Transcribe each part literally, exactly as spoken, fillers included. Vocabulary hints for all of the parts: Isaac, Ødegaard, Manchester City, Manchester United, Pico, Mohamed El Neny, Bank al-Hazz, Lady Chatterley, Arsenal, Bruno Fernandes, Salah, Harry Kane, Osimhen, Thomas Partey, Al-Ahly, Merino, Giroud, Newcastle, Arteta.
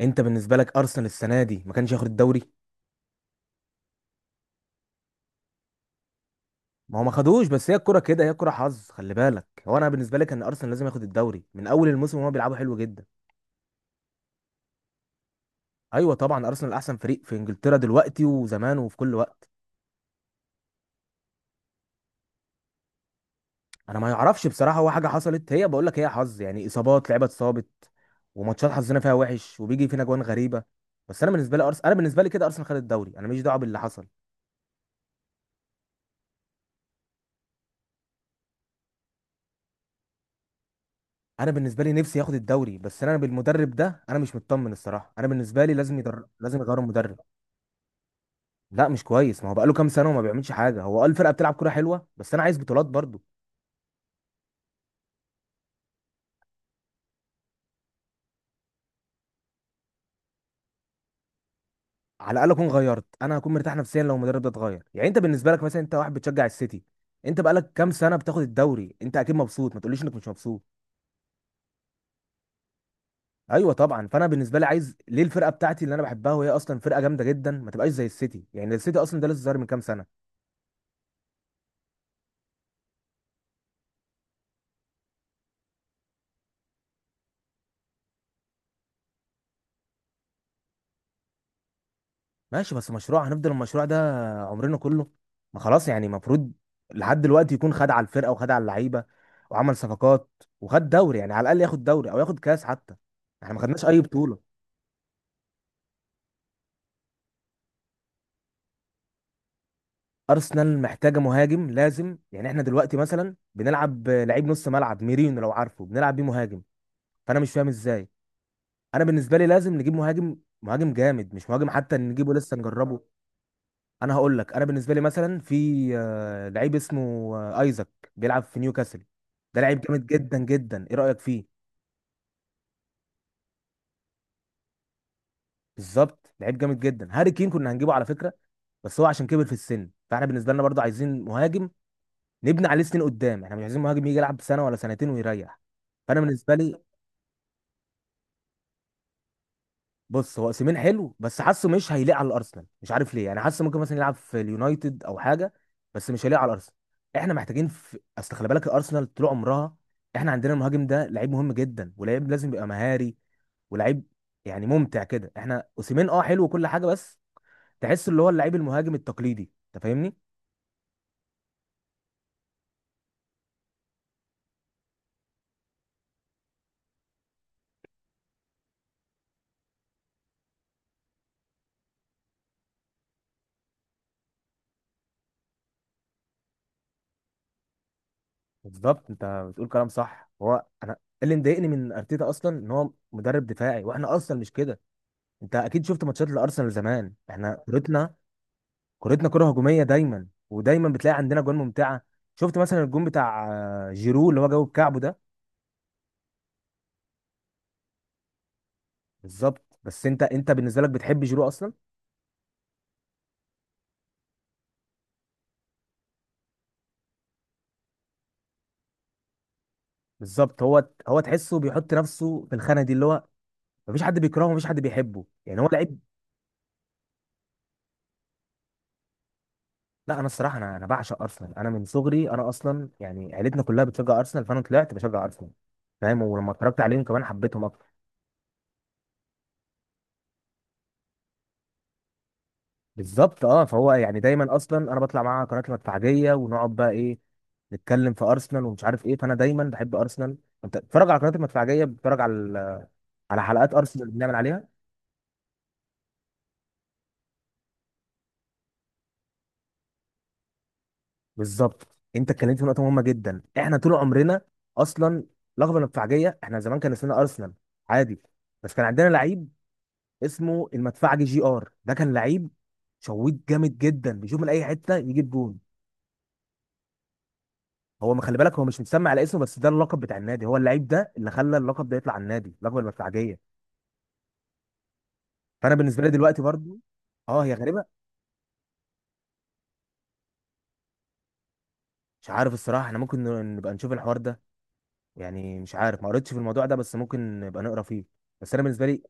انت بالنسبه لك ارسنال السنه دي ما كانش ياخد الدوري. ما هو ما خدوش، بس هي الكره كده، هي الكره حظ. خلي بالك، هو انا بالنسبه لي كان ارسنال لازم ياخد الدوري من اول الموسم، وهو بيلعبوا حلو جدا. ايوه طبعا، ارسنال احسن فريق في انجلترا دلوقتي وزمان وفي كل وقت. انا ما يعرفش بصراحه، هو حاجه حصلت، هي بقول لك هي حظ، يعني اصابات لعيبه اتصابت وماتشات حظنا فيها وحش وبيجي فينا جوان غريبه. بس انا بالنسبه لي ارسنال، انا بالنسبه لي كده ارسنال خد الدوري، انا ماليش دعوه باللي حصل. انا بالنسبه لي نفسي ياخد الدوري، بس انا بالمدرب ده انا مش مطمن الصراحه. انا بالنسبه لي لازم يدر... لازم يغيروا المدرب. لا مش كويس، ما هو بقاله كام سنه وما بيعملش حاجه. هو قال الفرقه بتلعب كوره حلوه، بس انا عايز بطولات برضو. على الاقل اكون غيرت، انا هكون مرتاح نفسيا لو المدرب ده اتغير. يعني انت بالنسبه لك مثلا، انت واحد بتشجع السيتي، انت بقالك كام سنه بتاخد الدوري، انت اكيد مبسوط، ما تقوليش انك مش مبسوط. ايوه طبعا، فانا بالنسبه لي عايز ليه الفرقه بتاعتي اللي انا بحبها، وهي اصلا فرقه جامده جدا، ما تبقاش زي السيتي. يعني السيتي اصلا ده لسه ظاهر من كام سنه. ماشي، بس مشروع؟ هنفضل المشروع ده عمرنا كله؟ ما خلاص يعني، المفروض لحد دلوقتي يكون خد على الفرقه وخد على اللعيبه وعمل صفقات وخد دوري. يعني على الاقل ياخد دوري او ياخد كاس حتى، احنا ما خدناش اي بطوله. ارسنال محتاجه مهاجم لازم. يعني احنا دلوقتي مثلا بنلعب لعيب نص ملعب، ميرينو لو عارفه، بنلعب بيه مهاجم، فانا مش فاهم ازاي. انا بالنسبه لي لازم نجيب مهاجم، مهاجم جامد، مش مهاجم حتى نجيبه لسه نجربه. انا هقول لك، انا بالنسبه لي مثلا في آه، لعيب اسمه آه، ايزاك، بيلعب في نيوكاسل. ده لعيب جامد جدا جدا، ايه رايك فيه؟ بالظبط، لعيب جامد جدا. هاري كين كنا هنجيبه على فكره، بس هو عشان كبر في السن، فاحنا بالنسبه لنا برضه عايزين مهاجم نبني عليه سنين قدام. احنا مش عايزين مهاجم يجي يلعب سنه ولا سنتين ويريح. فانا بالنسبه لي، بص، هو اوسيمين حلو، بس حاسه مش هيليق على الارسنال، مش عارف ليه. يعني حاسه ممكن مثلا يلعب في اليونايتد او حاجه، بس مش هيليق على الارسنال. احنا محتاجين في... اصل خلي بالك الارسنال طول عمرها، احنا عندنا المهاجم ده لعيب مهم جدا، ولعيب لازم يبقى مهاري، ولعيب يعني ممتع كده. احنا اوسيمين اه حلو وكل حاجه، بس تحس اللي هو اللعيب المهاجم التقليدي، انت فاهمني. بالظبط، انت بتقول كلام صح. هو انا اللي مضايقني من ارتيتا اصلا ان هو مدرب دفاعي، واحنا ارسنال مش كده. انت اكيد شفت ماتشات الارسنال زمان، احنا كورتنا، كورتنا كرة هجومية دايما، ودايما بتلاقي عندنا جوان ممتعة. شفت مثلا الجون بتاع آه، جيرو اللي هو جابه بكعبه ده؟ بالظبط، بس انت انت بالنسبة لك بتحب جيرو اصلا؟ بالظبط. هو هو تحسه بيحط نفسه في الخانة دي، اللي هو مفيش حد بيكرهه مفيش حد بيحبه، يعني هو لعيب. لا، انا الصراحة، انا انا بعشق ارسنال، انا من صغري، انا اصلا يعني عيلتنا كلها بتشجع ارسنال، فانا طلعت بشجع ارسنال، فاهم؟ ولما اتفرجت عليهم كمان حبيتهم اكتر. بالظبط، اه، فهو يعني دايما اصلا انا بطلع معاه قناه المدفعجيه، ونقعد بقى ايه، نتكلم في ارسنال ومش عارف ايه، فانا دايما بحب ارسنال. انت بتتفرج على قناه المدفعجيه؟ بتتفرج على على حلقات ارسنال اللي بنعمل عليها؟ بالظبط، انت اتكلمت في نقطه مهمه جدا. احنا طول عمرنا اصلا لقب المدفعجيه، احنا زمان كان اسمنا ارسنال عادي، بس كان عندنا لعيب اسمه المدفعجي، جي ار، ده كان لعيب شويت جامد جدا، بيشوف من اي حته يجيب جون. هو ما خلي بالك، هو مش متسمى على اسمه، بس ده اللقب بتاع النادي، هو اللعيب ده اللي خلى اللقب ده يطلع على النادي، اللقب المدفعجيه. فانا بالنسبه لي دلوقتي برضو، اه هي غريبه. مش عارف الصراحه، احنا ممكن ن- نبقى نشوف الحوار ده. يعني مش عارف، ما قريتش في الموضوع ده، بس ممكن نبقى نقرا فيه. بس انا بالنسبه لي،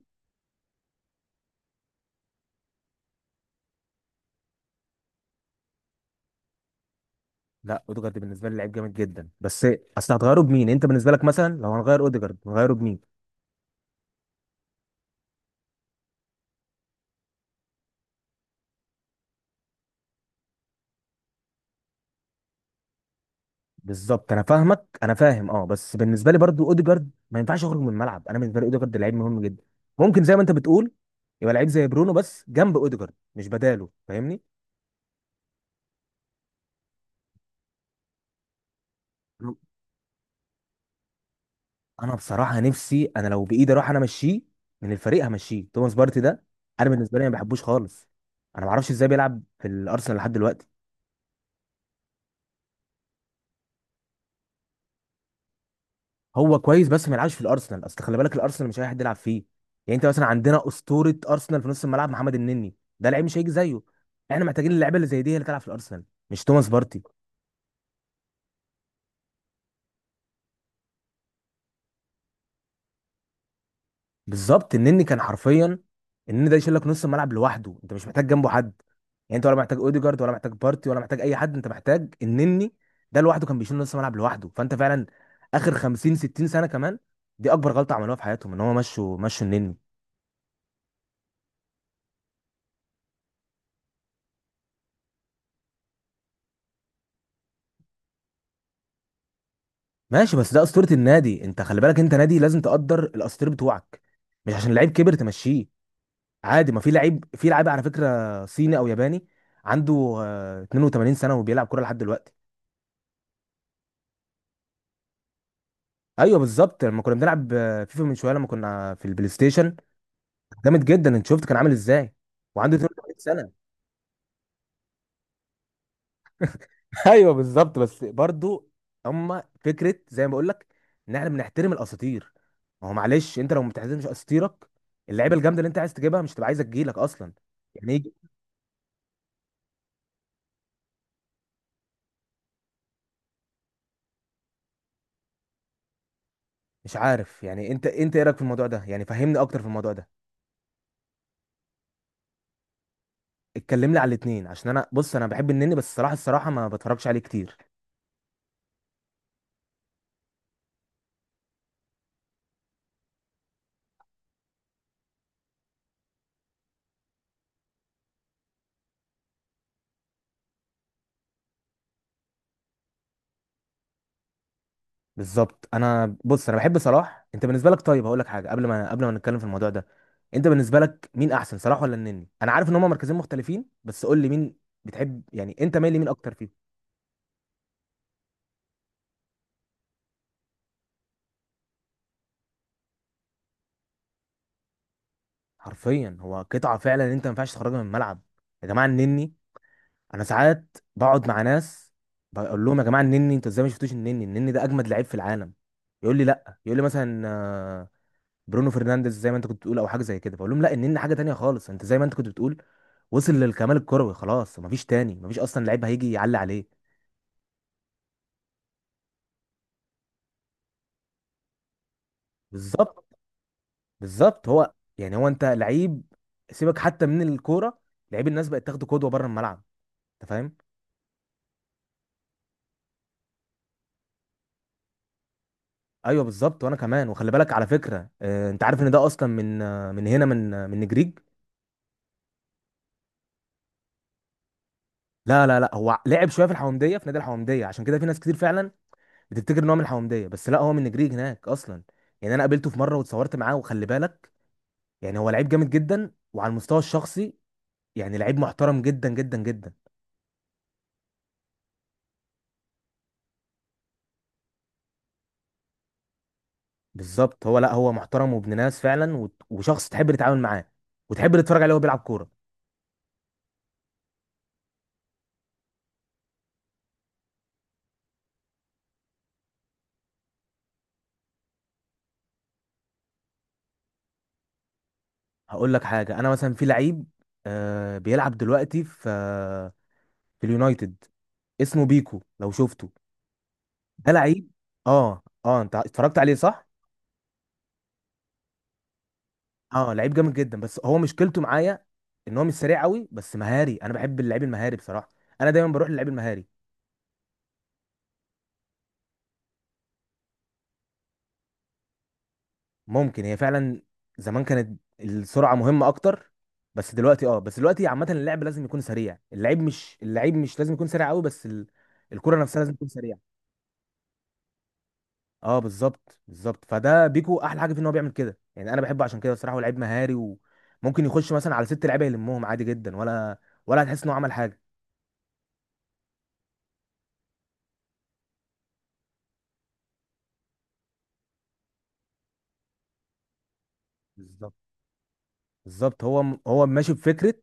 لا، اوديجارد بالنسبه لي لعيب جامد جدا، بس اصل هتغيره بمين؟ انت بالنسبه لك مثلا لو هنغير اوديجارد هنغيره بمين؟ بالظبط، انا فاهمك، انا فاهم، اه. بس بالنسبه لي برضو اوديجارد ما ينفعش يخرج من الملعب، انا بالنسبه لي اوديجارد لعيب مهم جدا. ممكن زي ما انت بتقول، يبقى لعيب زي برونو، بس جنب اوديجارد مش بداله، فاهمني؟ انا أنا بصراحه نفسي انا لو بايدي اروح انا امشيه من الفريق، همشيه توماس بارتي ده. انا بالنسبه لي ما بحبوش خالص، انا ما اعرفش ازاي بيلعب في الارسنال لحد دلوقتي. هو كويس بس ما يلعبش في الارسنال، اصل خلي بالك الارسنال مش اي حد يلعب فيه. يعني انت مثلا عندنا اسطوره ارسنال في نص الملعب، محمد النني، ده لعيب مش هيجي زيه. احنا محتاجين اللعيبه اللي زي دي هي اللي تلعب في الارسنال، مش توماس بارتي. بالظبط، النني كان حرفيا، النني ده يشيل لك نص الملعب لوحده، انت مش محتاج جنبه حد. يعني انت ولا محتاج اوديجارد ولا محتاج بارتي ولا محتاج اي حد، انت محتاج النني ده لوحده، كان بيشيل نص الملعب لوحده. فانت فعلا اخر خمسين ستين سنه كمان، دي اكبر غلطه عملوها في حياتهم، ان هم مشوا مشوا النني. ماشي، بس ده اسطوره النادي، انت خلي بالك، انت نادي لازم تقدر الاساطير بتوعك، مش عشان لعيب كبر تمشيه عادي. ما في لعيب، في لعيب على فكره صيني او ياباني عنده آه، اتنين وتمانين سنه وبيلعب كوره لحد دلوقتي. ايوه بالظبط، لما كنا بنلعب آه، فيفا من شويه، لما كنا في البلاي ستيشن، جامد جدا، انت شفت كان عامل ازاي وعنده اتنين وتمانين سنه. ايوه بالظبط، بس برضو، اما فكره زي ما بقول لك ان احنا بنحترم الاساطير، ما هو معلش، انت لو ما بتحترمش اساطيرك، اللعيبه الجامده اللي انت عايز تجيبها مش تبقى عايزه تجيلك اصلا. يعني إيه؟ مش عارف، يعني انت انت ايه رايك في الموضوع ده؟ يعني فهمني اكتر في الموضوع ده. اتكلم لي على الاثنين، عشان انا، بص، انا بحب النني بس الصراحه الصراحه ما بتفرجش عليه كتير. بالظبط، انا، بص، انا بحب صلاح. انت بالنسبه لك، طيب هقول لك حاجه، قبل ما قبل ما نتكلم في الموضوع ده، انت بالنسبه لك مين احسن، صلاح ولا النني؟ انا عارف ان هما مركزين مختلفين، بس قول لي مين بتحب، يعني انت مايل لمين اكتر فيهم؟ حرفيا هو قطعه فعلا، انت ما ينفعش تخرجها من الملعب. يا جماعه النني. انا ساعات بقعد مع ناس بقول لهم يا جماعه النني، انتوا ازاي ما شفتوش النني؟ النني ده اجمد لعيب في العالم. يقول لي لا، يقول لي مثلا آه، برونو فرنانديز زي ما انت كنت بتقول، او حاجه زي كده. فاقول لهم لا، النني حاجه تانية خالص. انت زي ما انت كنت بتقول، وصل للكمال الكروي، خلاص مفيش تاني، مفيش اصلا لعيب هيجي يعلي عليه. بالظبط. بالظبط، هو يعني، هو انت لعيب، سيبك حتى من الكوره، لعيب الناس بقت تاخده قدوه بره الملعب، انت فاهم؟ ايوه بالظبط، وانا كمان. وخلي بالك على فكره، آه، انت عارف ان ده اصلا من، آه، من هنا، من آه، من نجريج. لا لا لا، هو لعب شويه في الحومديه، في نادي الحومديه، عشان كده في ناس كتير فعلا بتفتكر ان هو من الحومديه، بس لا، هو من نجريج هناك اصلا. يعني انا قابلته في مره واتصورت معاه، وخلي بالك يعني هو لعيب جامد جدا، وعلى المستوى الشخصي يعني لعيب محترم جدا جدا جدا. بالظبط. هو لا، هو محترم وابن ناس فعلا، وت- وشخص تحب تتعامل معاه وتحب تتفرج عليه وهو بيلعب كوره. هقول لك حاجه، انا مثلا في لعيب آه بيلعب دلوقتي في في اليونايتد اسمه بيكو، لو شفته، ده لعيب. اه اه، انت اتفرجت عليه، صح. اه لعيب جامد جدا، بس هو مشكلته معايا ان هو مش سريع قوي، بس مهاري، انا بحب اللعيب المهاري بصراحه، انا دايما بروح للعيب المهاري. ممكن، هي فعلا زمان كانت السرعه مهمه اكتر، بس دلوقتي، اه بس دلوقتي عامه، اللعب لازم يكون سريع، اللعيب مش، اللعيب مش لازم يكون سريع قوي، بس ال... الكره نفسها لازم تكون سريعه. اه بالظبط، بالظبط، فده بيكو احلى حاجه في ان هو بيعمل كده، يعني انا بحبه عشان كده بصراحه، هو لعيب مهاري وممكن يخش مثلا على ست لعيبه يلمهم عادي جدا، ولا ولا هتحس ان هو عمل حاجه. بالظبط، بالظبط، هو هو ماشي بفكره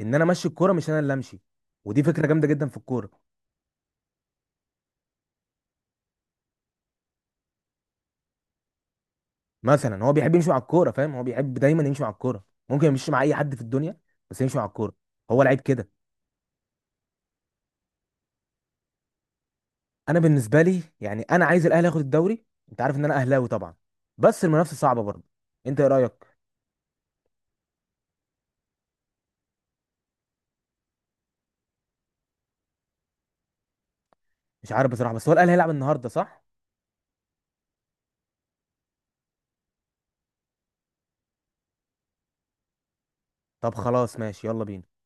ان انا امشي الكوره، مش انا اللي امشي، ودي فكره جامده جدا في الكوره. مثلا هو بيحب يمشي مع الكوره، فاهم، هو بيحب دايما يمشي مع الكوره، ممكن يمشي مع اي حد في الدنيا بس يمشي مع الكوره، هو لعيب كده. انا بالنسبه لي يعني انا عايز الاهلي ياخد الدوري، انت عارف ان انا اهلاوي طبعا، بس المنافسه صعبه برضه. انت ايه رايك؟ مش عارف بصراحه، بس هو الاهلي هيلعب النهارده، صح؟ طب خلاص، ماشي، يلا بينا.